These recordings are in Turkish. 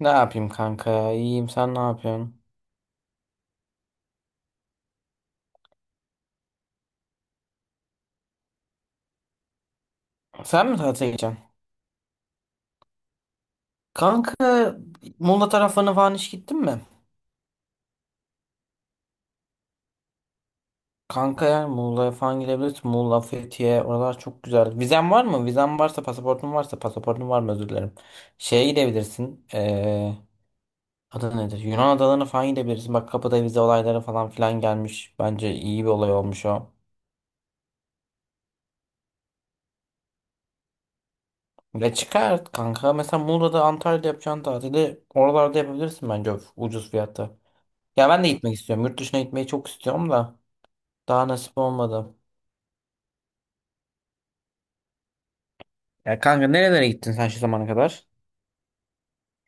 Ne yapayım kanka ya? İyiyim sen ne yapıyorsun? Sen mi tatile gideceksin? Kanka Muğla taraflarına falan hiç gittin mi? Kanka yani Muğla'ya falan gidebilirsin. Muğla, Fethiye oralar çok güzel. Vizen var mı? Vizen varsa pasaportun varsa pasaportun var mı özür dilerim. Şeye gidebilirsin. Adı nedir? Yunan adalarına falan gidebilirsin. Bak kapıda vize olayları falan filan gelmiş. Bence iyi bir olay olmuş o. ve çıkar kanka. Mesela Muğla'da Antalya'da yapacağın tatili oralarda yapabilirsin bence ucuz fiyata. Ya ben de gitmek istiyorum. Yurt dışına gitmeyi çok istiyorum da daha nasip olmadı. Ya kanka nerelere gittin sen şu zamana kadar?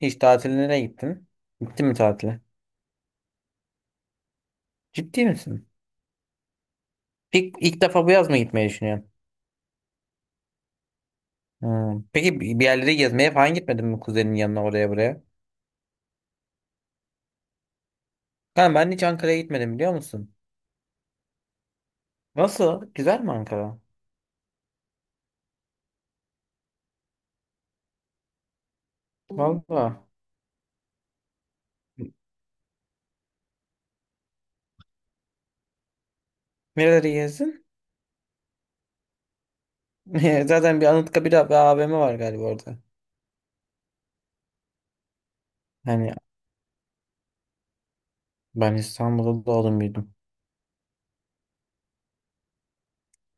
Hiç tatile nereye gittin? Gittin mi tatile? Ciddi misin? İlk defa bu yaz mı gitmeyi düşünüyorsun? Hmm. Peki bir yerlere gezmeye falan gitmedin mi kuzenin yanına oraya buraya? Kanka ben hiç Ankara'ya gitmedim biliyor musun? Nasıl? Güzel mi Ankara? Valla. Nereleri gezdin? Zaten bir Anıtkabir bir AVM var galiba orada. Hani ben İstanbul'da doğdum büyüdüm.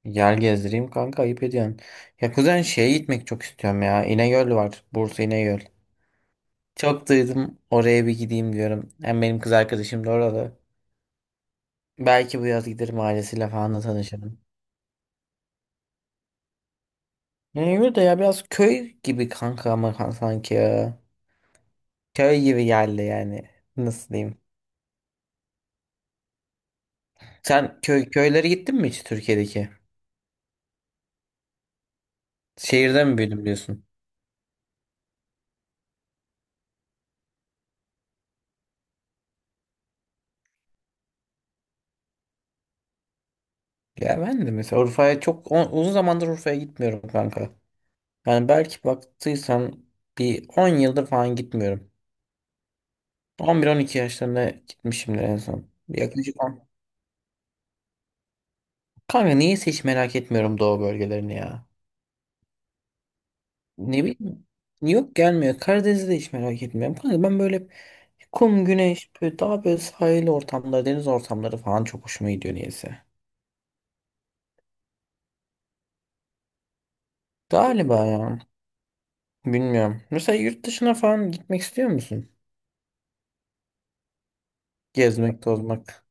Yer gezdireyim kanka ayıp ediyorsun. Ya kuzen şeye gitmek çok istiyorum ya. İnegöl var. Bursa İnegöl. Çok duydum oraya bir gideyim diyorum. Hem benim kız arkadaşım da orada. Belki bu yaz giderim ailesiyle falan da tanışırım. İnegöl de ya biraz köy gibi kanka ama sanki ya. Köy gibi geldi yani. Nasıl diyeyim? Sen köylere gittin mi hiç Türkiye'deki? Şehirde mi büyüdüm diyorsun? Ya ben de mesela Urfa'ya çok uzun zamandır Urfa'ya gitmiyorum kanka. Yani belki baktıysan bir 10 yıldır falan gitmiyorum. 11 12 yaşlarında gitmişimdir en son. Yaklaşık 10. Kanka niyeyse hiç merak etmiyorum doğu bölgelerini ya. Ne bileyim. Yok gelmiyor. Karadeniz'i de hiç merak etmiyorum. Kanka ben böyle hep kum, güneş, böyle daha böyle sahil ortamları, deniz ortamları falan çok hoşuma gidiyor niyeyse. Galiba ya. Bilmiyorum. Mesela yurt dışına falan gitmek istiyor musun? Gezmek, tozmak.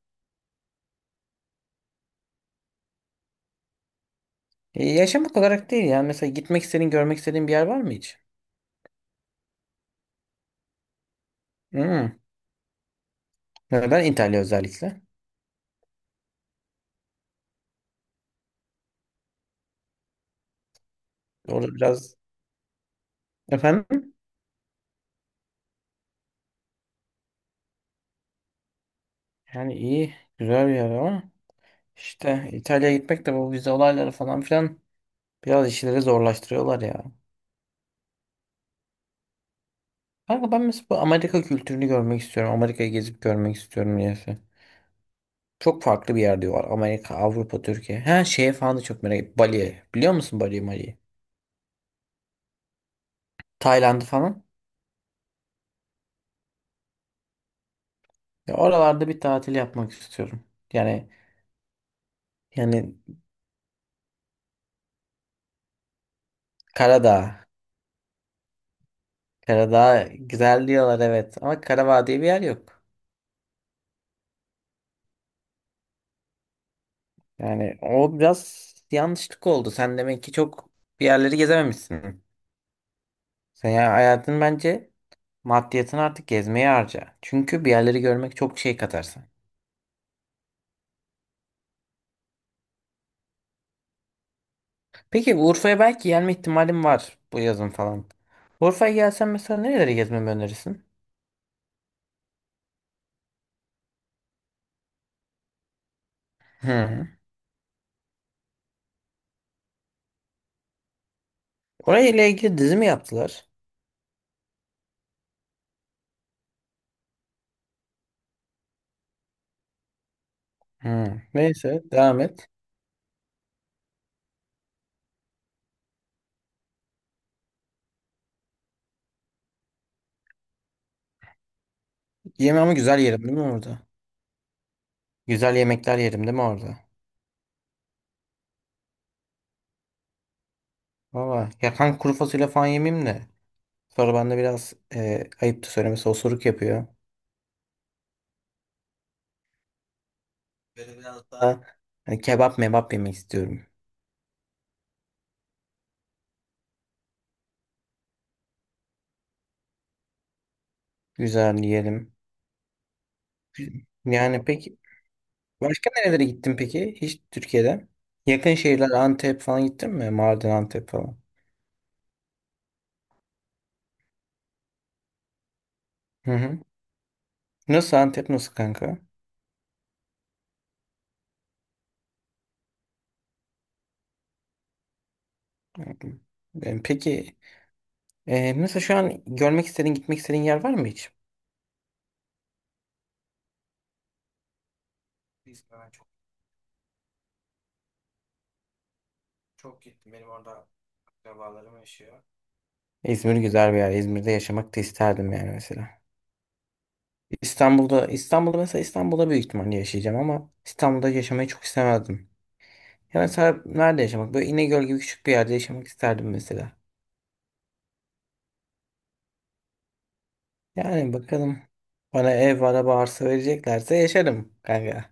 Yaşamak olarak değil ya. Mesela gitmek istediğin, görmek istediğin bir yer var mı hiç? Hmm. Neden İtalya özellikle? Orada biraz efendim yani iyi güzel bir yer ama işte İtalya'ya gitmek de bu vize olayları falan filan biraz işleri zorlaştırıyorlar ya. Kanka ben mesela bu Amerika kültürünü görmek istiyorum. Amerika'yı gezip görmek istiyorum niyeyse. Çok farklı bir yer diyorlar. Amerika, Avrupa, Türkiye. Her şeye falan da çok merak ediyorum. Bali'ye. Biliyor musun Bali'yi, Mali'yi? Tayland'ı falan. Ya oralarda bir tatil yapmak istiyorum. Yani yani Karadağ. Karadağ güzel diyorlar evet. Ama Karadağ diye bir yer yok. Yani o biraz yanlışlık oldu. Sen demek ki çok bir yerleri gezememişsin. Sen ya hayatın bence maddiyatını artık gezmeye harca. Çünkü bir yerleri görmek çok şey katarsın. Peki Urfa'ya belki gelme ihtimalim var bu yazın falan. Urfa'ya gelsen mesela nereleri gezmemi önerirsin? Hı. Orayla ile ilgili dizi mi yaptılar? Hı. Neyse devam et. Yeme ama güzel yerim değil mi orada? Güzel yemekler yerim değil mi orada? Valla yakan kuru fasulye falan yemeyeyim de. Sonra bende biraz ayıp da söylemesi osuruk yapıyor. Böyle biraz daha hani kebap mebap yemek istiyorum. Güzel yiyelim. Yani peki başka nerelere gittin peki? Hiç Türkiye'de. Yakın şehirler Antep falan gittin mi? Mardin, Antep falan. Hı hı. Nasıl Antep nasıl kanka? Hı. Peki, nasıl şu an görmek istediğin gitmek istediğin yer var mı hiç? Ben çok çok gittim. Benim orada akrabalarım yaşıyor. İzmir güzel bir yer. İzmir'de yaşamak da isterdim yani mesela. İstanbul'da mesela İstanbul'da büyük ihtimalle yaşayacağım ama İstanbul'da yaşamayı çok istemezdim. Ya mesela nerede yaşamak? Böyle İnegöl gibi küçük bir yerde yaşamak isterdim mesela. Yani bakalım bana ev, araba, arsa vereceklerse yaşarım kanka.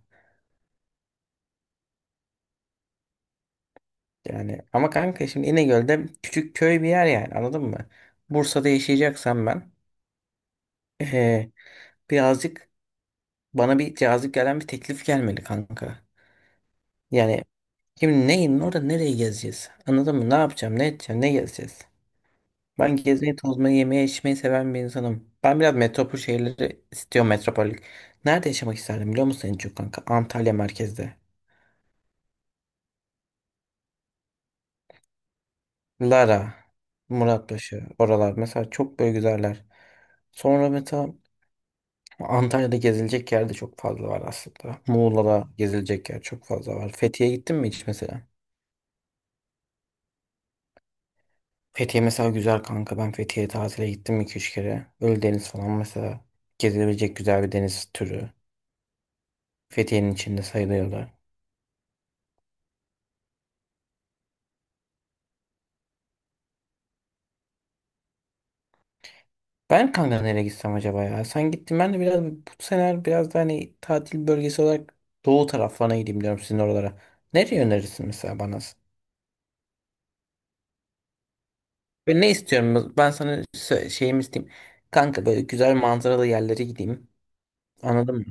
Yani ama kanka şimdi İnegöl'de küçük köy bir yer yani anladın mı? Bursa'da yaşayacaksam ben eee, birazcık bana bir cazip gelen bir teklif gelmeli kanka. Yani şimdi neyin orada nereye gezeceğiz? Anladın mı? Ne yapacağım, ne edeceğim, ne gezeceğiz? Ben gezmeyi, tozmayı, yemeği, içmeyi seven bir insanım. Ben biraz metropol şehirleri istiyorum metropolik. Nerede yaşamak isterdim biliyor musun en çok kanka? Antalya merkezde. Lara, Muratpaşa, oralar mesela çok böyle güzeller. Sonra mesela Antalya'da gezilecek yer de çok fazla var aslında. Muğla'da gezilecek yer çok fazla var. Fethiye'ye gittin mi hiç mesela? Fethiye mesela güzel kanka. Ben Fethiye'ye tatile gittim 2-3 kere. Ölüdeniz falan mesela gezilebilecek güzel bir deniz türü. Fethiye'nin içinde sayılıyorlar. Ben kanka nereye gitsem acaba ya? Sen gittin ben de biraz bu sene biraz da hani tatil bölgesi olarak doğu taraflarına gideyim diyorum sizin oralara. Nereye önerirsin mesela bana? Ve ne istiyorum? Ben sana sö- şeyimi isteyeyim. Kanka böyle güzel manzaralı yerlere gideyim. Anladın mı?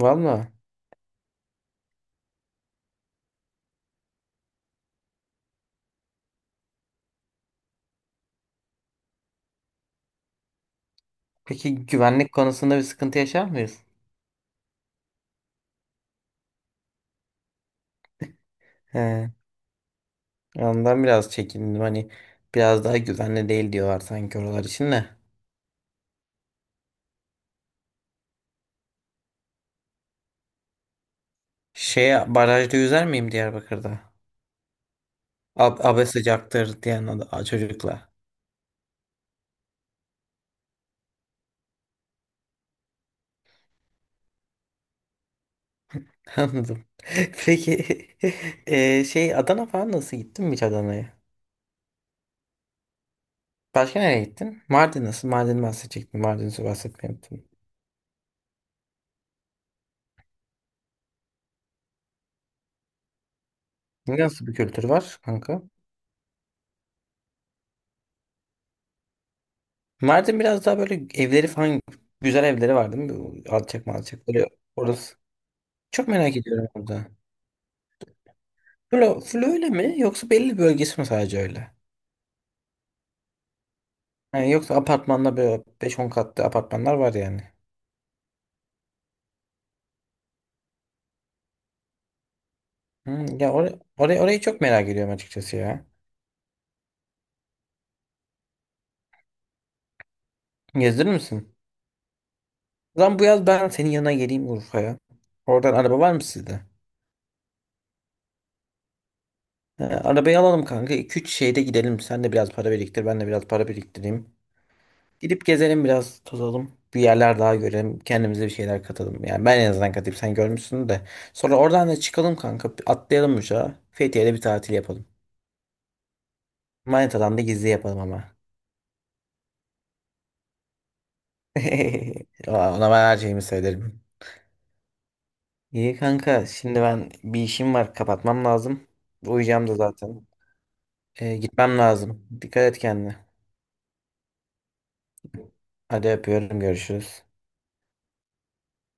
Valla. Peki güvenlik konusunda bir sıkıntı yaşar mıyız? He. Ondan biraz çekindim. Hani biraz daha güvenli değil diyorlar sanki oralar için de. Şeye barajda yüzer miyim Diyarbakır'da? Ab abe sıcaktır diyen ad- a- çocukla. Anladım. Peki şey Adana falan nasıl gittin mi hiç Adana'ya? Başka nereye gittin? Mardin nasıl? Mardin bahsedecektim. Mardin'i bahsetmeyi unuttum. Nasıl bir kültür var kanka? Mardin biraz daha böyle evleri falan güzel evleri var değil mi? Bu Alçak malçak böyle orası. Çok merak ediyorum orada. Böyle full öyle mi yoksa belli bir bölgesi mi sadece öyle? Yani yoksa apartmanda böyle beş on katlı apartmanlar var yani. Hmm, ya orayı çok merak ediyorum açıkçası ya. Gezdirir misin? Lan bu yaz ben senin yanına geleyim Urfa'ya. Oradan araba var mı sizde? He, arabayı alalım kanka. 2-3 şeyde gidelim. Sen de biraz para biriktir. Ben de biraz para biriktireyim. Gidip gezelim biraz tozalım. Bir yerler daha görelim. Kendimize bir şeyler katalım. Yani ben en azından katayım. Sen görmüşsün de. Sonra oradan da çıkalım kanka. Bir Atlayalım uçağa. Fethiye'de bir tatil yapalım. Manitadan da gizli yapalım ama. Aa, Ona ben her şeyimi söylerim. İyi kanka. Şimdi ben bir işim var. Kapatmam lazım. Uyuyacağım da zaten. Gitmem lazım. Dikkat et kendine. Hadi öpüyorum. Görüşürüz.